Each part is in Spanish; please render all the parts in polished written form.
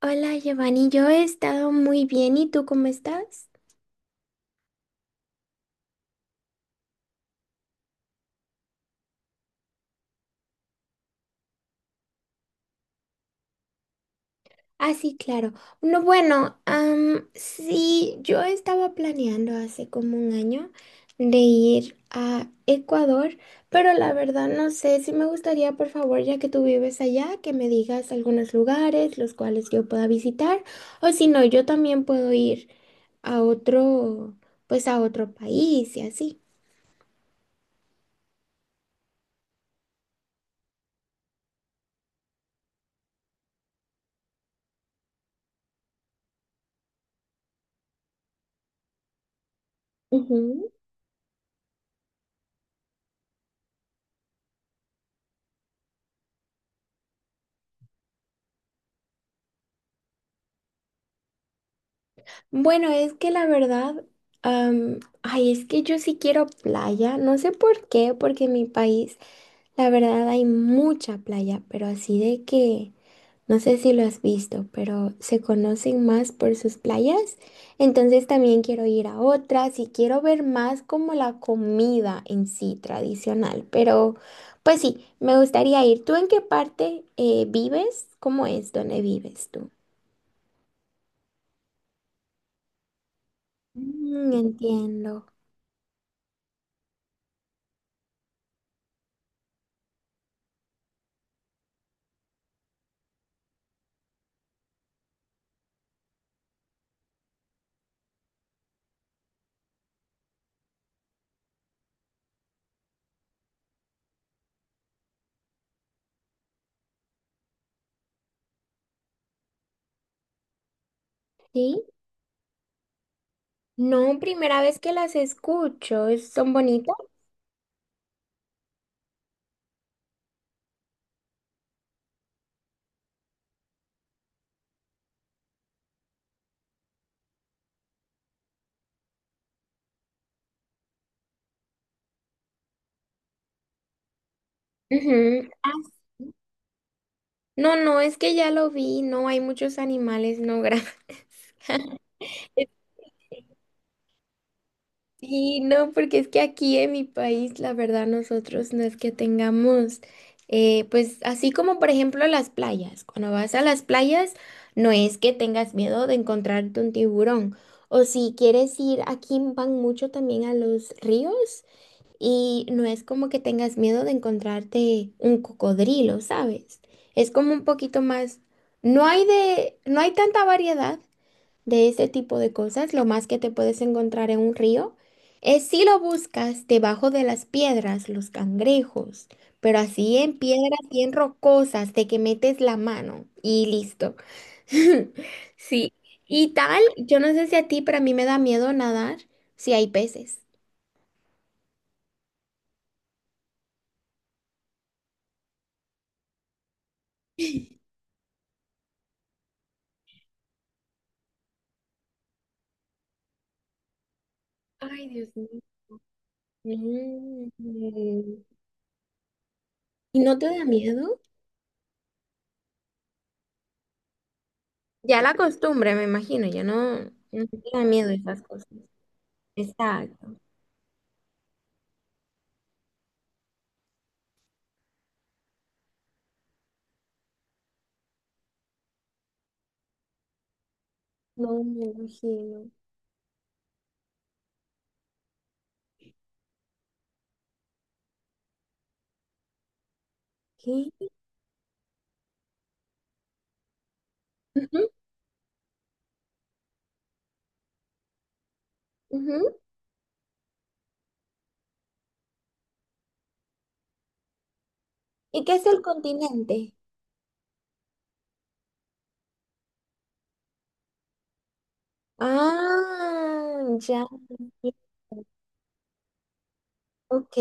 Hola Giovanni, yo he estado muy bien. ¿Y tú cómo estás? Ah, sí, claro. No, bueno, sí, yo estaba planeando hace como un año de ir a Ecuador, pero la verdad no sé si me gustaría, por favor, ya que tú vives allá, que me digas algunos lugares los cuales yo pueda visitar, o si no, yo también puedo ir a otro, pues a otro país y así. Bueno, es que la verdad, ay, es que yo sí quiero playa, no sé por qué, porque en mi país, la verdad, hay mucha playa, pero así de que, no sé si lo has visto, pero se conocen más por sus playas, entonces también quiero ir a otras y quiero ver más como la comida en sí tradicional, pero pues sí, me gustaría ir. ¿Tú en qué parte vives? ¿Cómo es? ¿Dónde vives tú? Mm, entiendo. ¿Sí? No, primera vez que las escucho, ¿son bonitas? Ujú. Ah, no, no, es que ya lo vi, no hay muchos animales, no, gracias. Sí, no, porque es que aquí en mi país, la verdad, nosotros no es que tengamos, pues así como por ejemplo las playas, cuando vas a las playas, no es que tengas miedo de encontrarte un tiburón, o si quieres ir, aquí van mucho también a los ríos. Y no es como que tengas miedo de encontrarte un cocodrilo, ¿sabes? Es como un poquito más, no hay tanta variedad de ese tipo de cosas. Lo más que te puedes encontrar en un río es si lo buscas debajo de las piedras, los cangrejos, pero así en piedras bien rocosas de que metes la mano y listo. Sí. Y tal, yo no sé si a ti, pero a mí me da miedo nadar si hay peces. Ay, Dios mío. Mm. ¿Y no te da miedo? Ya la costumbre, me imagino, ya no, no te da miedo esas cosas. Exacto. No, me imagino. ¿Qué? Ujú, ujú. ¿Y qué es el continente? Ah, ya. Ok.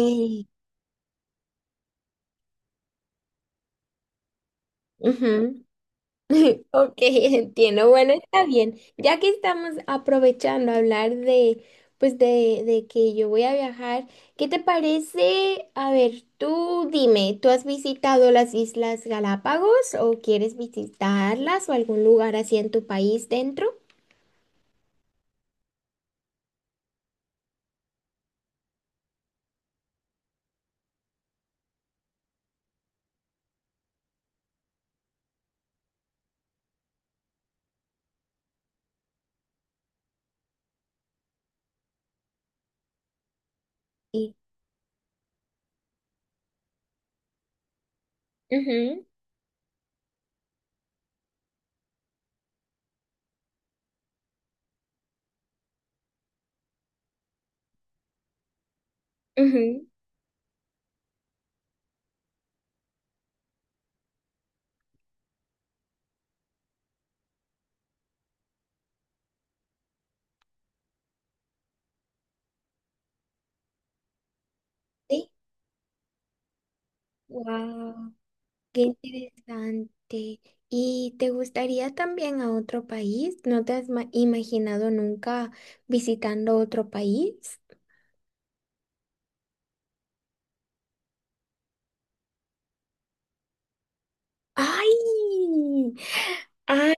Ujú. Ok, entiendo. Bueno, está bien. Ya que estamos aprovechando a hablar de, pues de que yo voy a viajar, ¿qué te parece? A ver, tú dime, ¿tú has visitado las Islas Galápagos o quieres visitarlas o algún lugar así en tu país dentro? Y ujú, ujú. Sí. Guau. Qué interesante. ¿Y te gustaría también a otro país? ¿No te has ma- ¿Imaginado nunca visitando otro país? ¡Ay! ¡Ay,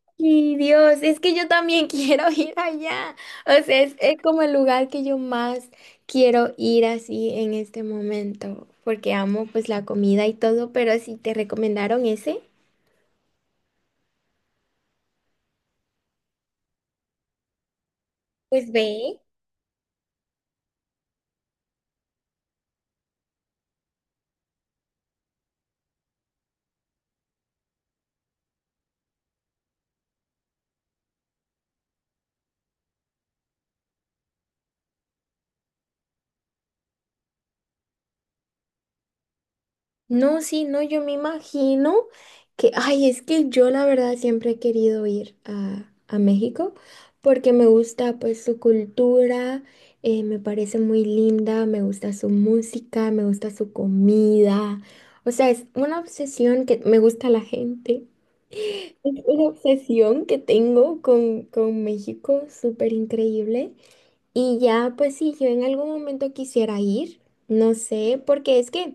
Dios! Es que yo también quiero ir allá. O sea, es como el lugar que yo más quiero ir así en este momento, porque amo pues la comida y todo, pero si te recomendaron ese, pues ve. No, sí, no, yo me imagino que, ay, es que yo la verdad siempre he querido ir a México, porque me gusta pues su cultura, me parece muy linda, me gusta su música, me gusta su comida. O sea, es una obsesión que me gusta la gente, es una obsesión que tengo con México, súper increíble. Y ya, pues si yo en algún momento quisiera ir, no sé, porque es que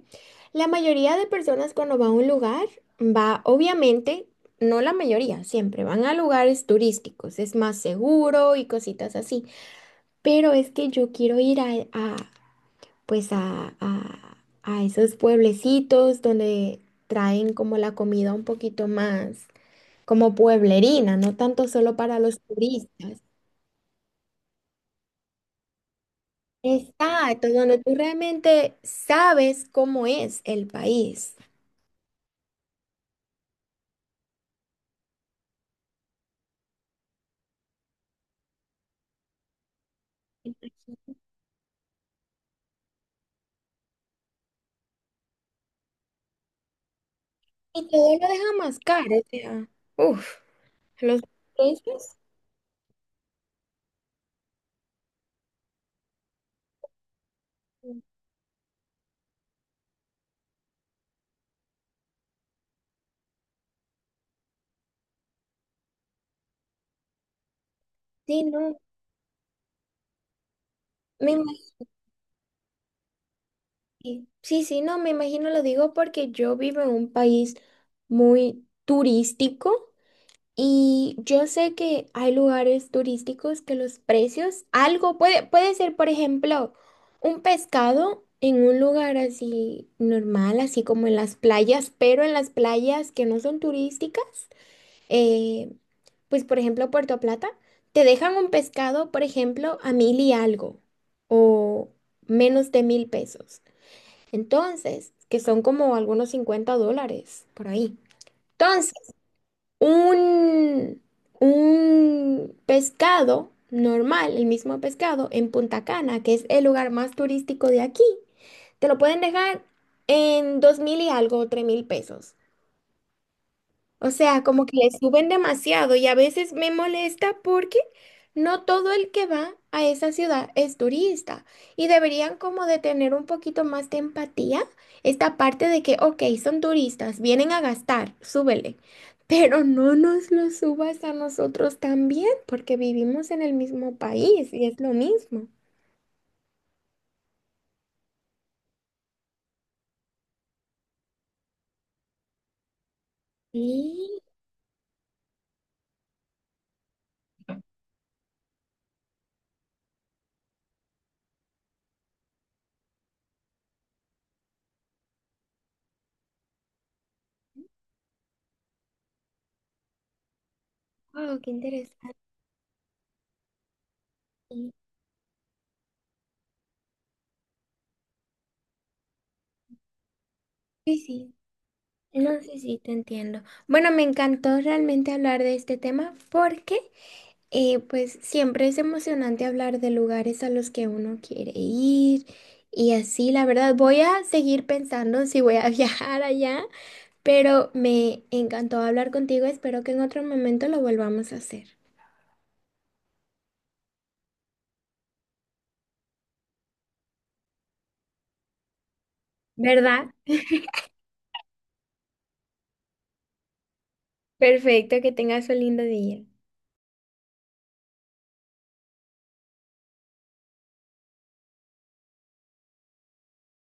la mayoría de personas cuando va a un lugar, va, obviamente, no la mayoría, siempre van a lugares turísticos, es más seguro y cositas así, pero es que yo quiero ir a, pues a esos pueblecitos donde traen como la comida un poquito más como pueblerina, no tanto solo para los turistas. Exacto, donde tú realmente sabes cómo es el país. Y todo lo deja más caro, o sea, uff, los precios. Sí, no, me imagino. Sí, sí, no, me imagino, lo digo porque yo vivo en un país muy turístico. Y yo sé que hay lugares turísticos que los precios, algo puede, puede ser, por ejemplo, un pescado en un lugar así normal, así como en las playas, pero en las playas que no son turísticas, eh, pues por ejemplo Puerto Plata, te dejan un pescado, por ejemplo, a 1000 y algo o menos de 1000 pesos. Entonces, que son como algunos 50 dólares por ahí un, un pescado normal, el mismo pescado, en Punta Cana, que es el lugar más turístico de aquí, te lo pueden dejar en 2000 y algo, 3000 pesos. O sea, como que le suben demasiado y a veces me molesta porque no todo el que va a esa ciudad es turista y deberían como de tener un poquito más de empatía esta parte de que, ok, son turistas, vienen a gastar, súbele, pero no nos lo subas a nosotros también porque vivimos en el mismo país y es lo mismo. Sí, wow, qué interesante. Sí, sí. No sé si te entiendo. Bueno, me encantó realmente hablar de este tema porque, eh, pues siempre es emocionante hablar de lugares a los que uno quiere ir y así, la verdad, voy a seguir pensando si voy a viajar allá, pero me encantó hablar contigo, espero que en otro momento lo volvamos a hacer. ¿Verdad? Perfecto, que tengas un lindo día.